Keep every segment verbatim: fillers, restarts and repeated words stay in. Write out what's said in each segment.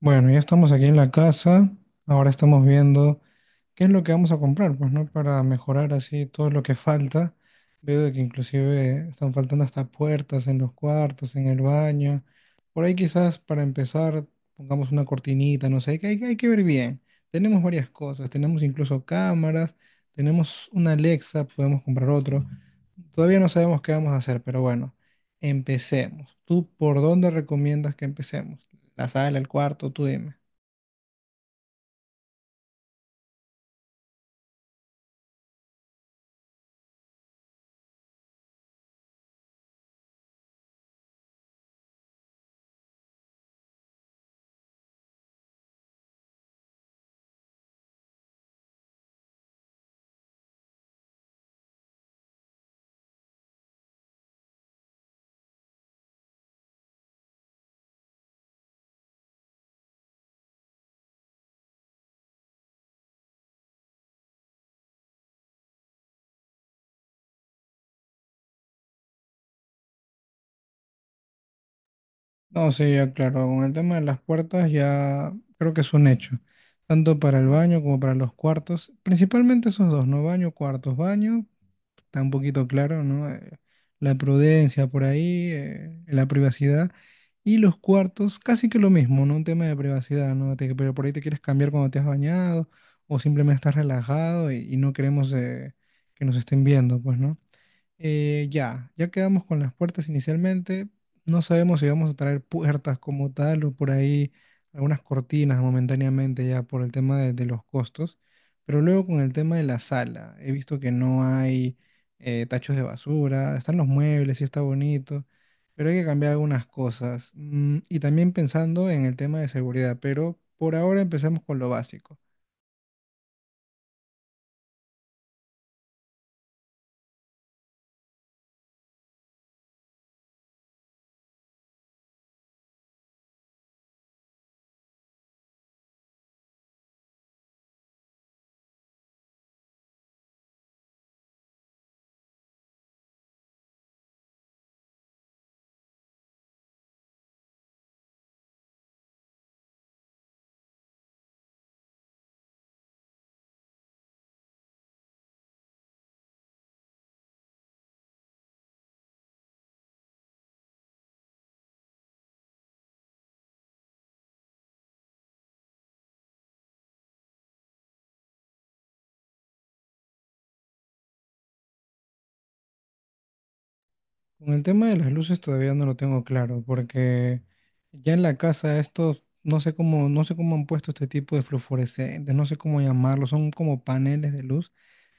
Bueno, ya estamos aquí en la casa. Ahora estamos viendo qué es lo que vamos a comprar, pues, ¿no? Para mejorar así todo lo que falta. Veo de que inclusive están faltando hasta puertas en los cuartos, en el baño. Por ahí quizás para empezar pongamos una cortinita, no sé, que- hay que hay que ver bien. Tenemos varias cosas, tenemos incluso cámaras, tenemos una Alexa, podemos comprar otro. Todavía no sabemos qué vamos a hacer, pero bueno, empecemos. ¿Tú por dónde recomiendas que empecemos? La sala, el cuarto, tú dime. No, sí, ya claro, con el tema de las puertas ya creo que es un hecho, tanto para el baño como para los cuartos, principalmente esos dos, ¿no? Baño, cuartos, baño, está un poquito claro, ¿no? Eh, la prudencia por ahí, eh, la privacidad, y los cuartos, casi que lo mismo, ¿no? Un tema de privacidad, ¿no? Te- pero por ahí te quieres cambiar cuando te has bañado o simplemente estás relajado y, y no queremos eh, que nos estén viendo, pues, ¿no? Eh, ya, ya quedamos con las puertas inicialmente. No sabemos si vamos a traer puertas como tal o por ahí algunas cortinas momentáneamente ya por el tema de, de los costos. Pero luego con el tema de la sala, he visto que no hay eh, tachos de basura, están los muebles, sí está bonito, pero hay que cambiar algunas cosas. Mm, y también pensando en el tema de seguridad, pero por ahora empecemos con lo básico. Con el tema de las luces todavía no lo tengo claro, porque ya en la casa estos, no sé cómo, no sé cómo han puesto este tipo de fluorescentes, no sé cómo llamarlos, son como paneles de luz.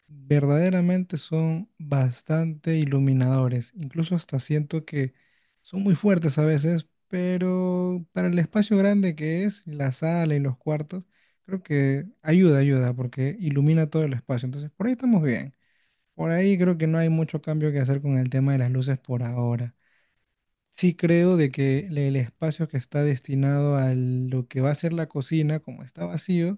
Verdaderamente son bastante iluminadores. Incluso hasta siento que son muy fuertes a veces, pero para el espacio grande que es, la sala y los cuartos, creo que ayuda, ayuda, porque ilumina todo el espacio. Entonces, por ahí estamos bien. Por ahí creo que no hay mucho cambio que hacer con el tema de las luces por ahora. Sí creo de que le- el espacio que está destinado a lo que va a ser la cocina, como está vacío,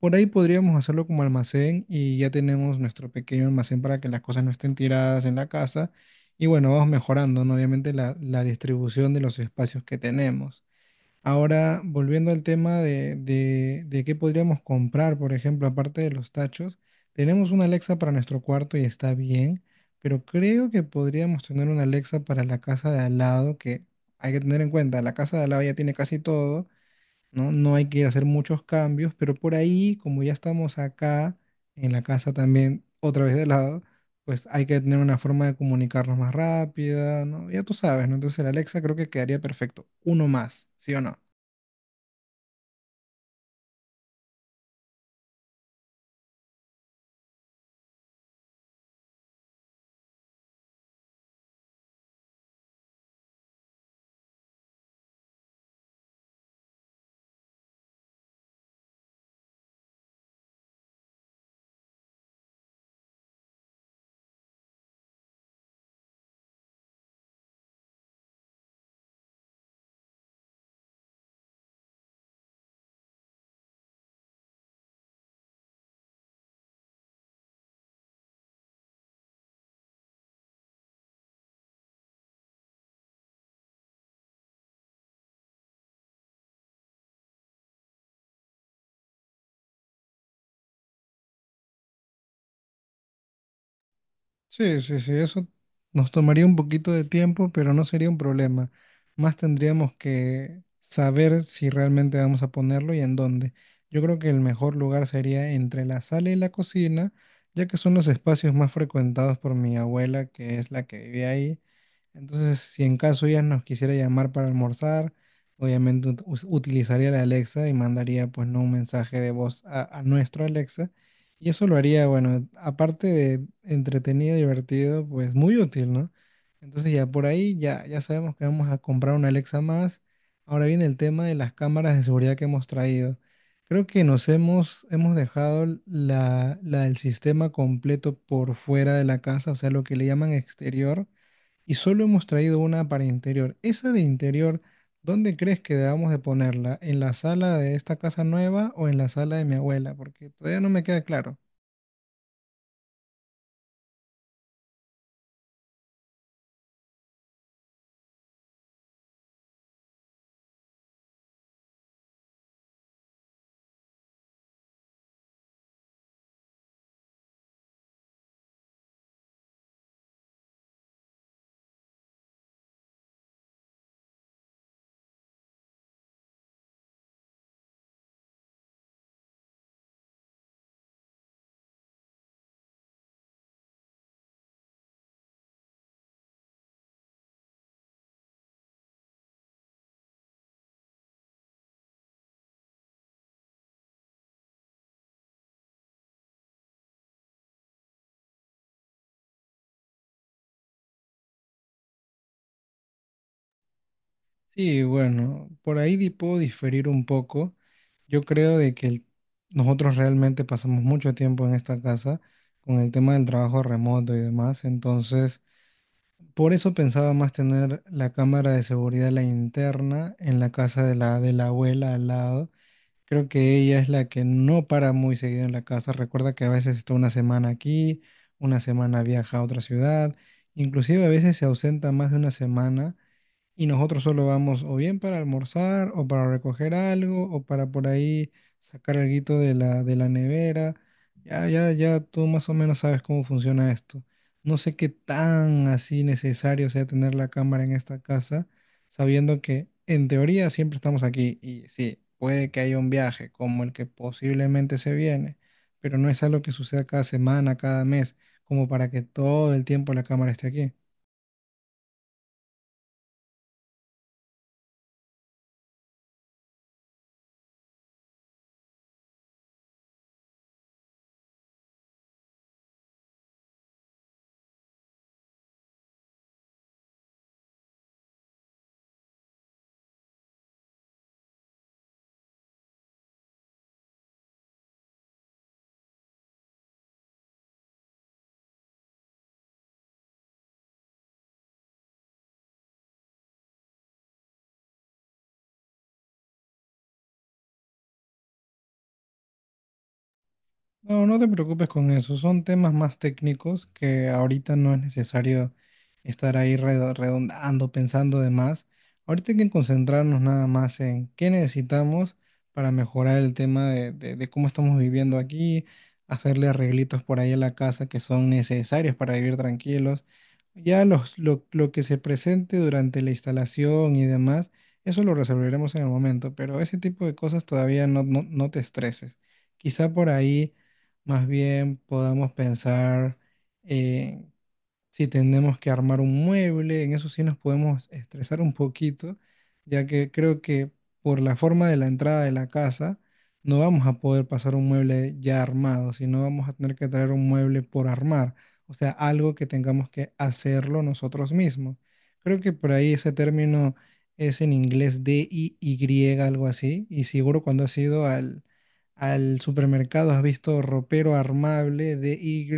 por ahí podríamos hacerlo como almacén y ya tenemos nuestro pequeño almacén para que las cosas no estén tiradas en la casa. Y bueno, vamos mejorando, ¿no? Obviamente la, la distribución de los espacios que tenemos. Ahora, volviendo al tema de, de, de qué podríamos comprar, por ejemplo, aparte de los tachos, tenemos una Alexa para nuestro cuarto y está bien, pero creo que podríamos tener una Alexa para la casa de al lado, que hay que tener en cuenta, la casa de al lado ya tiene casi todo, ¿no? No hay que hacer muchos cambios, pero por ahí, como ya estamos acá, en la casa también, otra vez de lado, pues hay que tener una forma de comunicarnos más rápida, ¿no? Ya tú sabes, ¿no? Entonces el Alexa creo que quedaría perfecto. Uno más, ¿sí o no? Sí, sí, sí, eso nos tomaría un poquito de tiempo, pero no sería un problema. Más tendríamos que saber si realmente vamos a ponerlo y en dónde. Yo creo que el mejor lugar sería entre la sala y la cocina, ya que son los espacios más frecuentados por mi abuela, que es la que vive ahí. Entonces, si en caso ella nos quisiera llamar para almorzar, obviamente ut- us- utilizaría la Alexa y mandaría pues no un mensaje de voz a, a nuestro Alexa y eso lo haría, bueno, aparte de entretenido, divertido, pues muy útil, ¿no? Entonces ya por ahí ya, ya sabemos que vamos a comprar una Alexa más. Ahora viene el tema de las cámaras de seguridad que hemos traído. Creo que nos hemos, hemos dejado la, la del sistema completo por fuera de la casa, o sea, lo que le llaman exterior, y solo hemos traído una para interior. Esa de interior, ¿dónde crees que debamos de ponerla? ¿En la sala de esta casa nueva o en la sala de mi abuela? Porque todavía no me queda claro. Sí, bueno, por ahí di- puedo diferir un poco. Yo creo de que el- nosotros realmente pasamos mucho tiempo en esta casa con el tema del trabajo remoto y demás. Entonces, por eso pensaba más tener la cámara de seguridad, la interna, en la casa de la, de la abuela al lado. Creo que ella es la que no para muy seguido en la casa. Recuerda que a veces está una semana aquí, una semana viaja a otra ciudad, inclusive a veces se ausenta más de una semana. Y nosotros solo vamos o bien para almorzar o para recoger algo o para por ahí sacar alguito de la, de la nevera. Ya, ya, ya tú más o menos sabes cómo funciona esto. No sé qué tan así necesario sea tener la cámara en esta casa, sabiendo que en teoría siempre estamos aquí y sí, puede que haya un viaje como el que posiblemente se viene, pero no es algo que suceda cada semana, cada mes, como para que todo el tiempo la cámara esté aquí. No, no te preocupes con eso. Son temas más técnicos que ahorita no es necesario estar ahí redo- redondando, pensando de más. Ahorita hay que concentrarnos nada más en qué necesitamos para mejorar el tema de, de- de cómo estamos viviendo aquí, hacerle arreglitos por ahí a la casa que son necesarios para vivir tranquilos. Ya los, lo, lo que se presente durante la instalación y demás, eso lo resolveremos en el momento, pero ese tipo de cosas todavía no, no no te estreses. Quizá por ahí más bien podamos pensar en si tenemos que armar un mueble, en eso sí nos podemos estresar un poquito, ya que creo que por la forma de la entrada de la casa no vamos a poder pasar un mueble ya armado, sino vamos a tener que traer un mueble por armar, o sea, algo que tengamos que hacerlo nosotros mismos. Creo que por ahí ese término es en inglés D I Y, algo así, y seguro cuando has ido al, al supermercado has visto ropero armable D-Y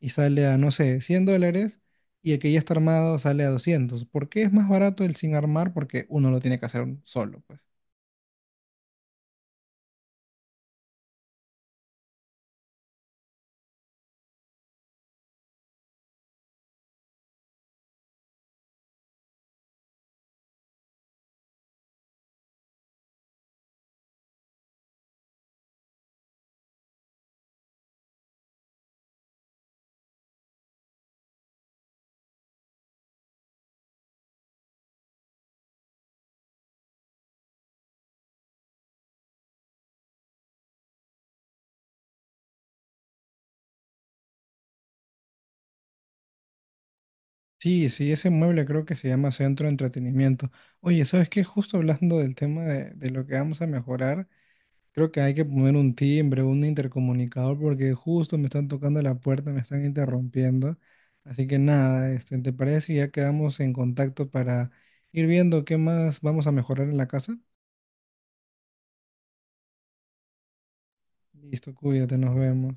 y sale a, no sé, cien dólares y el que ya está armado sale a doscientos. ¿Por qué es más barato el sin armar? Porque uno lo tiene que hacer solo, pues. Sí, sí, ese mueble creo que se llama Centro de Entretenimiento. Oye, ¿sabes qué? Justo hablando del tema de, de lo que vamos a mejorar, creo que hay que poner un timbre, un intercomunicador, porque justo me están tocando la puerta, me están interrumpiendo. Así que nada, este, ¿te parece si ya quedamos en contacto para ir viendo qué más vamos a mejorar en la casa? Listo, cuídate, nos vemos.